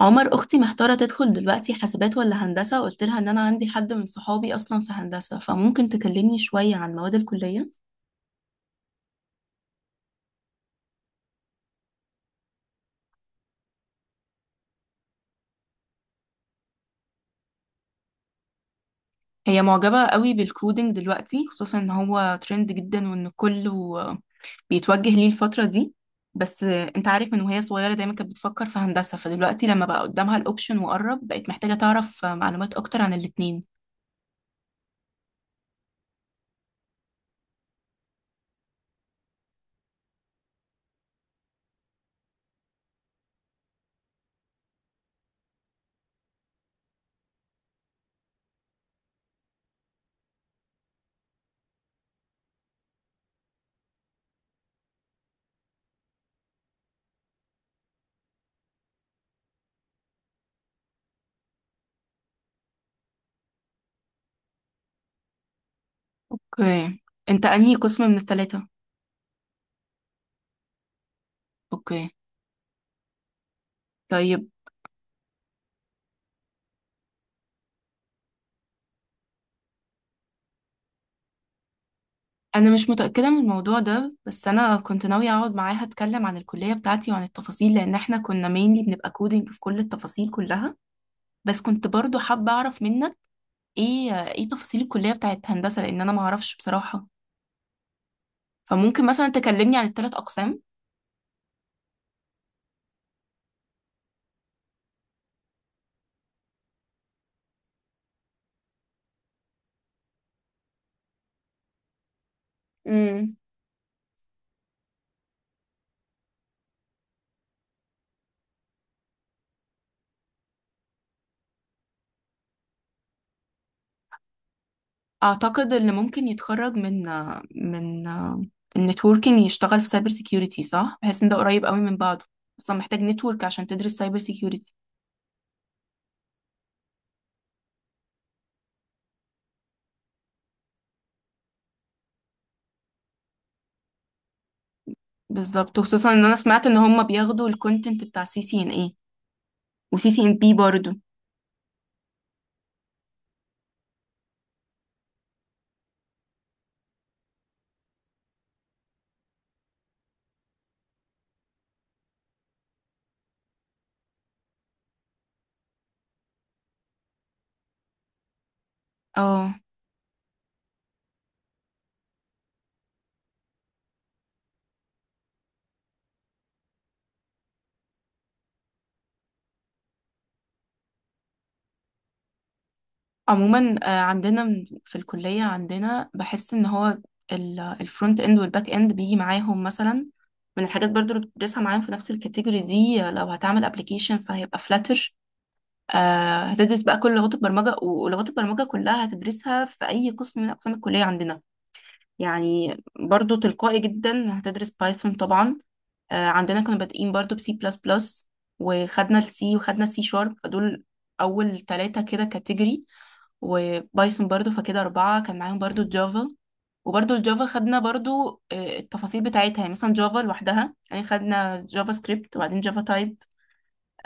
عمر، اختي محتاره تدخل دلوقتي حاسبات ولا هندسه. قلت لها ان انا عندي حد من صحابي اصلا في هندسه، فممكن تكلمني شويه عن مواد الكليه؟ هي معجبه قوي بالكودينج دلوقتي، خصوصا ان هو ترند جدا وان كله بيتوجه ليه الفتره دي. بس انت عارف من وهي صغيره دايما كانت بتفكر في هندسه، فدلوقتي لما بقى قدامها الاوبشن وقرب بقت محتاجه تعرف معلومات اكتر عن الاتنين. اوكي. انت انهي قسم من الثلاثه؟ اوكي. طيب. انا مش متاكده من الموضوع ده، بس انا كنت ناويه اقعد معاها اتكلم عن الكليه بتاعتي وعن التفاصيل، لان احنا كنا مينلي بنبقى كودينج في كل التفاصيل كلها. بس كنت برضو حابه اعرف منك ايه تفاصيل الكليه بتاعت هندسه، لان انا ما اعرفش بصراحه. فممكن مثلا تكلمني عن الثلاث اقسام؟ امم. اعتقد اللي ممكن يتخرج من من النتوركينج يشتغل في سايبر سيكيورتي، صح؟ بحيث ان ده قريب قوي من بعضه. اصلا محتاج نتورك عشان تدرس سايبر. بالظبط، وخصوصا ان انا سمعت ان هم بياخدوا الكونتنت بتاع سي سي ان اي، وسي سي ان بي برضو. اه. عموما عندنا في الكلية عندنا بحس ان هو الفرونت اند والباك اند بيجي معاهم، مثلا من الحاجات برضو اللي بتدرسها معاهم في نفس الكاتيجوري دي. لو هتعمل ابلكيشن فهيبقى فلاتر. هتدرس بقى كل لغات البرمجة، ولغات البرمجة كلها هتدرسها في أي قسم من أقسام الكلية عندنا. يعني برضو تلقائي جدا هتدرس بايثون طبعا. عندنا كنا بادئين برضو بسي بلس بلس، وخدنا السي، وخدنا السي شارب، فدول أول ثلاثة كده كاتيجوري، وبايثون برضو فكده أربعة، كان معاهم برضو الجافا. وبرضو الجافا خدنا برضو التفاصيل بتاعتها، يعني مثلا جافا لوحدها، يعني خدنا جافا سكريبت وبعدين جافا تايب.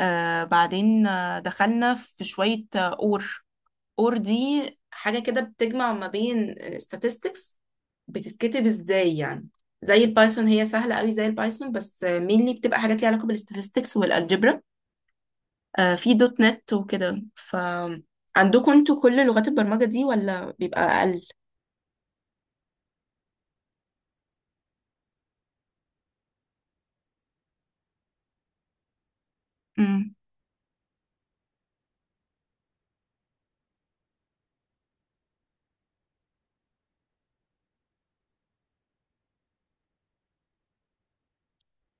آه بعدين آه دخلنا في شوية اور. اور دي حاجة كده بتجمع ما بين statistics. بتتكتب ازاي يعني؟ زي البايثون، هي سهلة قوي زي البايثون، بس مينلي بتبقى حاجات ليها علاقة بالستاتستكس والالجبرا. في دوت نت وكده، ف عندكم انتوا كل لغات البرمجة دي ولا بيبقى أقل؟ مم.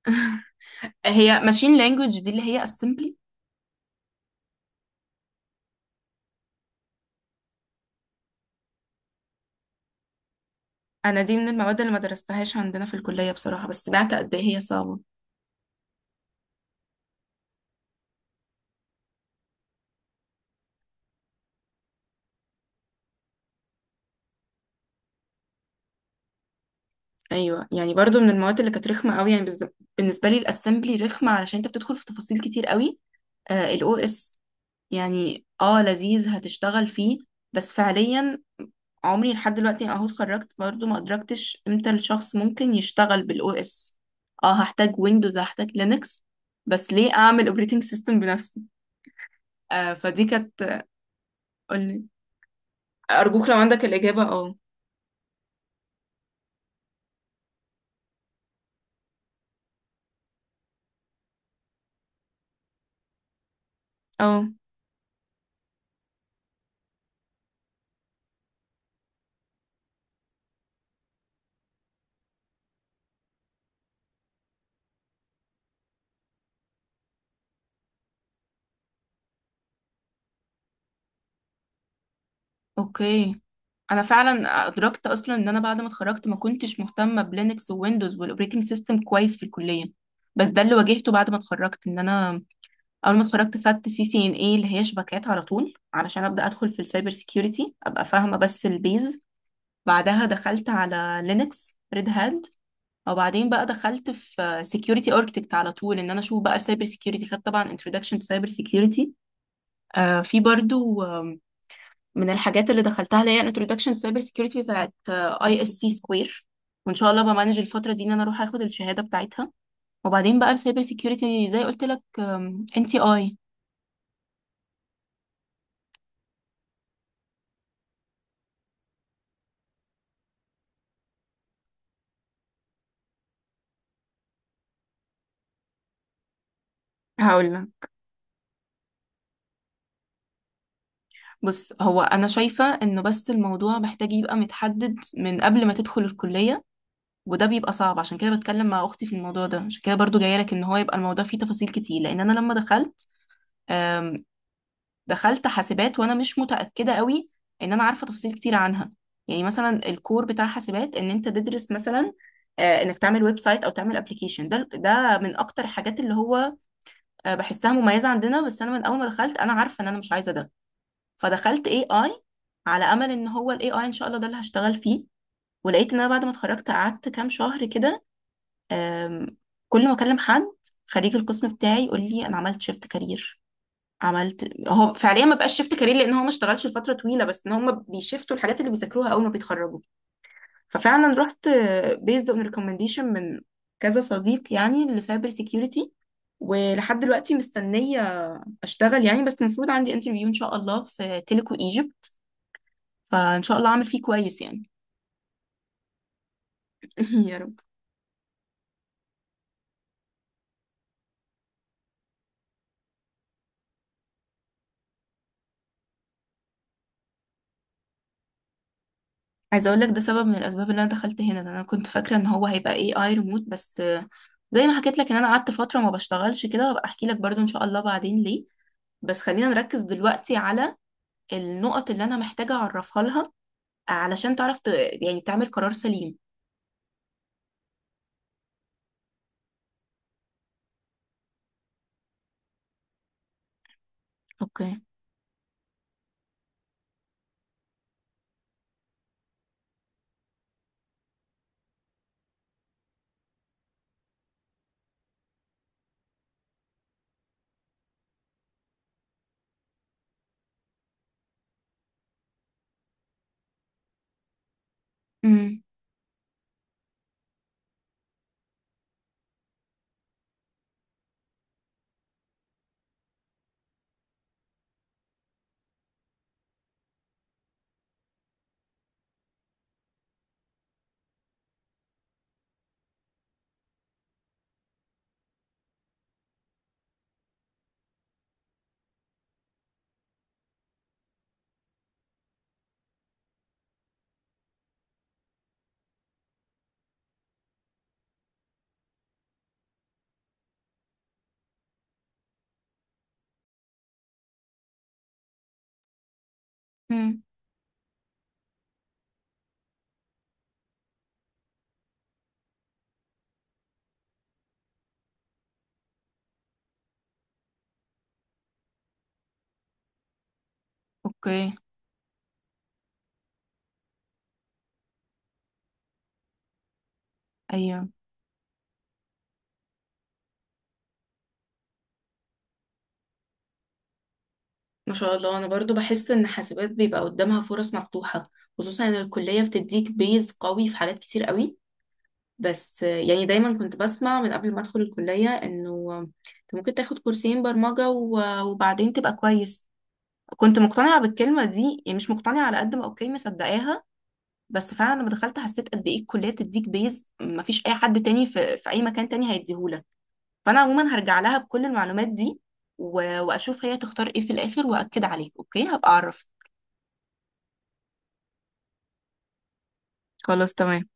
هي ماشين لانجوج دي اللي هي assembly؟ انا دي من المواد اللي ما درستهاش عندنا في الكلية بصراحة، بس سمعت قد ايه هي صعبة. ايوه، يعني برضو من المواد اللي كانت رخمة قوي يعني. بالنسبة لي الاسمبلي رخمة علشان انت بتدخل في تفاصيل كتير قوي. الاو اس، يعني اه لذيذ هتشتغل فيه، بس فعليا عمري لحد دلوقتي، اهو اتخرجت برضه، ما ادركتش امتى الشخص ممكن يشتغل بالاو اس. اه، هحتاج ويندوز، هحتاج لينكس، بس ليه اعمل اوبريتنج سيستم بنفسي؟ فدي كانت. قولي. ارجوك لو عندك الاجابه، اه. اه. اوكي. انا فعلا ادركت اصلا ان انا بعد ما اتخرجت ما كنتش مهتمه بلينكس وويندوز والاوبريتنج سيستم كويس في الكليه. بس ده اللي واجهته بعد ما اتخرجت، ان انا اول ما اتخرجت خدت سي سي ان اي اللي هي شبكات على طول علشان ابدا ادخل في السايبر سيكيورتي ابقى فاهمه بس البيز. بعدها دخلت على لينكس ريد هاد، وبعدين بقى دخلت في سيكيورتي اركتكت على طول، ان انا اشوف بقى سايبر سيكيورتي، خدت طبعا انترودكشن تو سايبر سيكيورتي. في برضو من الحاجات اللي دخلتها اللي هي انترودكشن سايبر سيكيورتي بتاعت اي اس سي سكوير. وان شاء الله بمانج الفتره دي ان انا اروح اخد الشهاده بتاعتها. وبعدين بقى السايبر سيكيورتي، زي قلت لك، ان تي اي. هقول لك. بص، هو انا شايفة انه بس الموضوع محتاج يبقى متحدد من قبل ما تدخل الكلية، وده بيبقى صعب، عشان كده بتكلم مع اختي في الموضوع ده، عشان كده برضو جايه لك ان هو يبقى الموضوع فيه تفاصيل كتير، لان انا لما دخلت آم، دخلت حاسبات وانا مش متأكدة قوي ان انا عارفة تفاصيل كتير عنها. يعني مثلا الكور بتاع حاسبات ان انت تدرس مثلا انك تعمل ويب سايت او تعمل ابلكيشن، ده من اكتر الحاجات اللي هو بحسها مميزة عندنا. بس انا من اول ما دخلت انا عارفة ان انا مش عايزة ده، فدخلت اي اي على امل ان هو الاي اي ان شاء الله ده اللي هشتغل فيه. ولقيت ان انا بعد ما اتخرجت قعدت كام شهر كده. آم، كل ما اكلم حد خريج القسم بتاعي يقول لي انا عملت شيفت كارير. عملت، هو فعليا ما بقاش شيفت كارير لان هو ما اشتغلش لفتره طويله، بس ان هم بيشفتوا الحاجات اللي بيذاكروها اول ما بيتخرجوا. ففعلا رحت بيزد اون ريكومنديشن من كذا صديق يعني لسايبر سيكيورتي. ولحد دلوقتي مستنيه اشتغل يعني، بس المفروض عندي انترفيو ان شاء الله في تيليكو ايجيبت، فان شاء الله اعمل فيه كويس يعني. يا رب. عايزه اقول لك ده سبب من الاسباب اللي انا دخلت هنا، ده انا كنت فاكره ان هو هيبقى اي اي ريموت، بس زي ما حكيت لك ان انا قعدت فتره ما بشتغلش كده، وابقى احكي لك برضو ان شاء الله بعدين ليه. بس خلينا نركز دلوقتي على النقط اللي انا محتاجه اعرفها لها، علشان تعرف يعني تعمل قرار سليم. اوكي. امم. امم. اوكي. ايوه. ما شاء الله، انا برضو بحس ان حاسبات بيبقى قدامها فرص مفتوحه، خصوصا ان الكليه بتديك بيز قوي في حاجات كتير قوي. بس يعني دايما كنت بسمع من قبل ما ادخل الكلية انه انت ممكن تاخد كورسين برمجة و- وبعدين تبقى كويس. كنت مقتنعة بالكلمة دي يعني مش مقتنعة على قد ما، اوكي مصدقاها. بس فعلا لما دخلت حسيت قد ايه الكلية بتديك بيز، مفيش اي حد تاني في اي مكان تاني هيديهولك. فانا عموما هرجع لها بكل المعلومات دي، و- واشوف هي تختار ايه في الاخر، واكد عليك اوكي هبقى اعرف. خلاص تمام.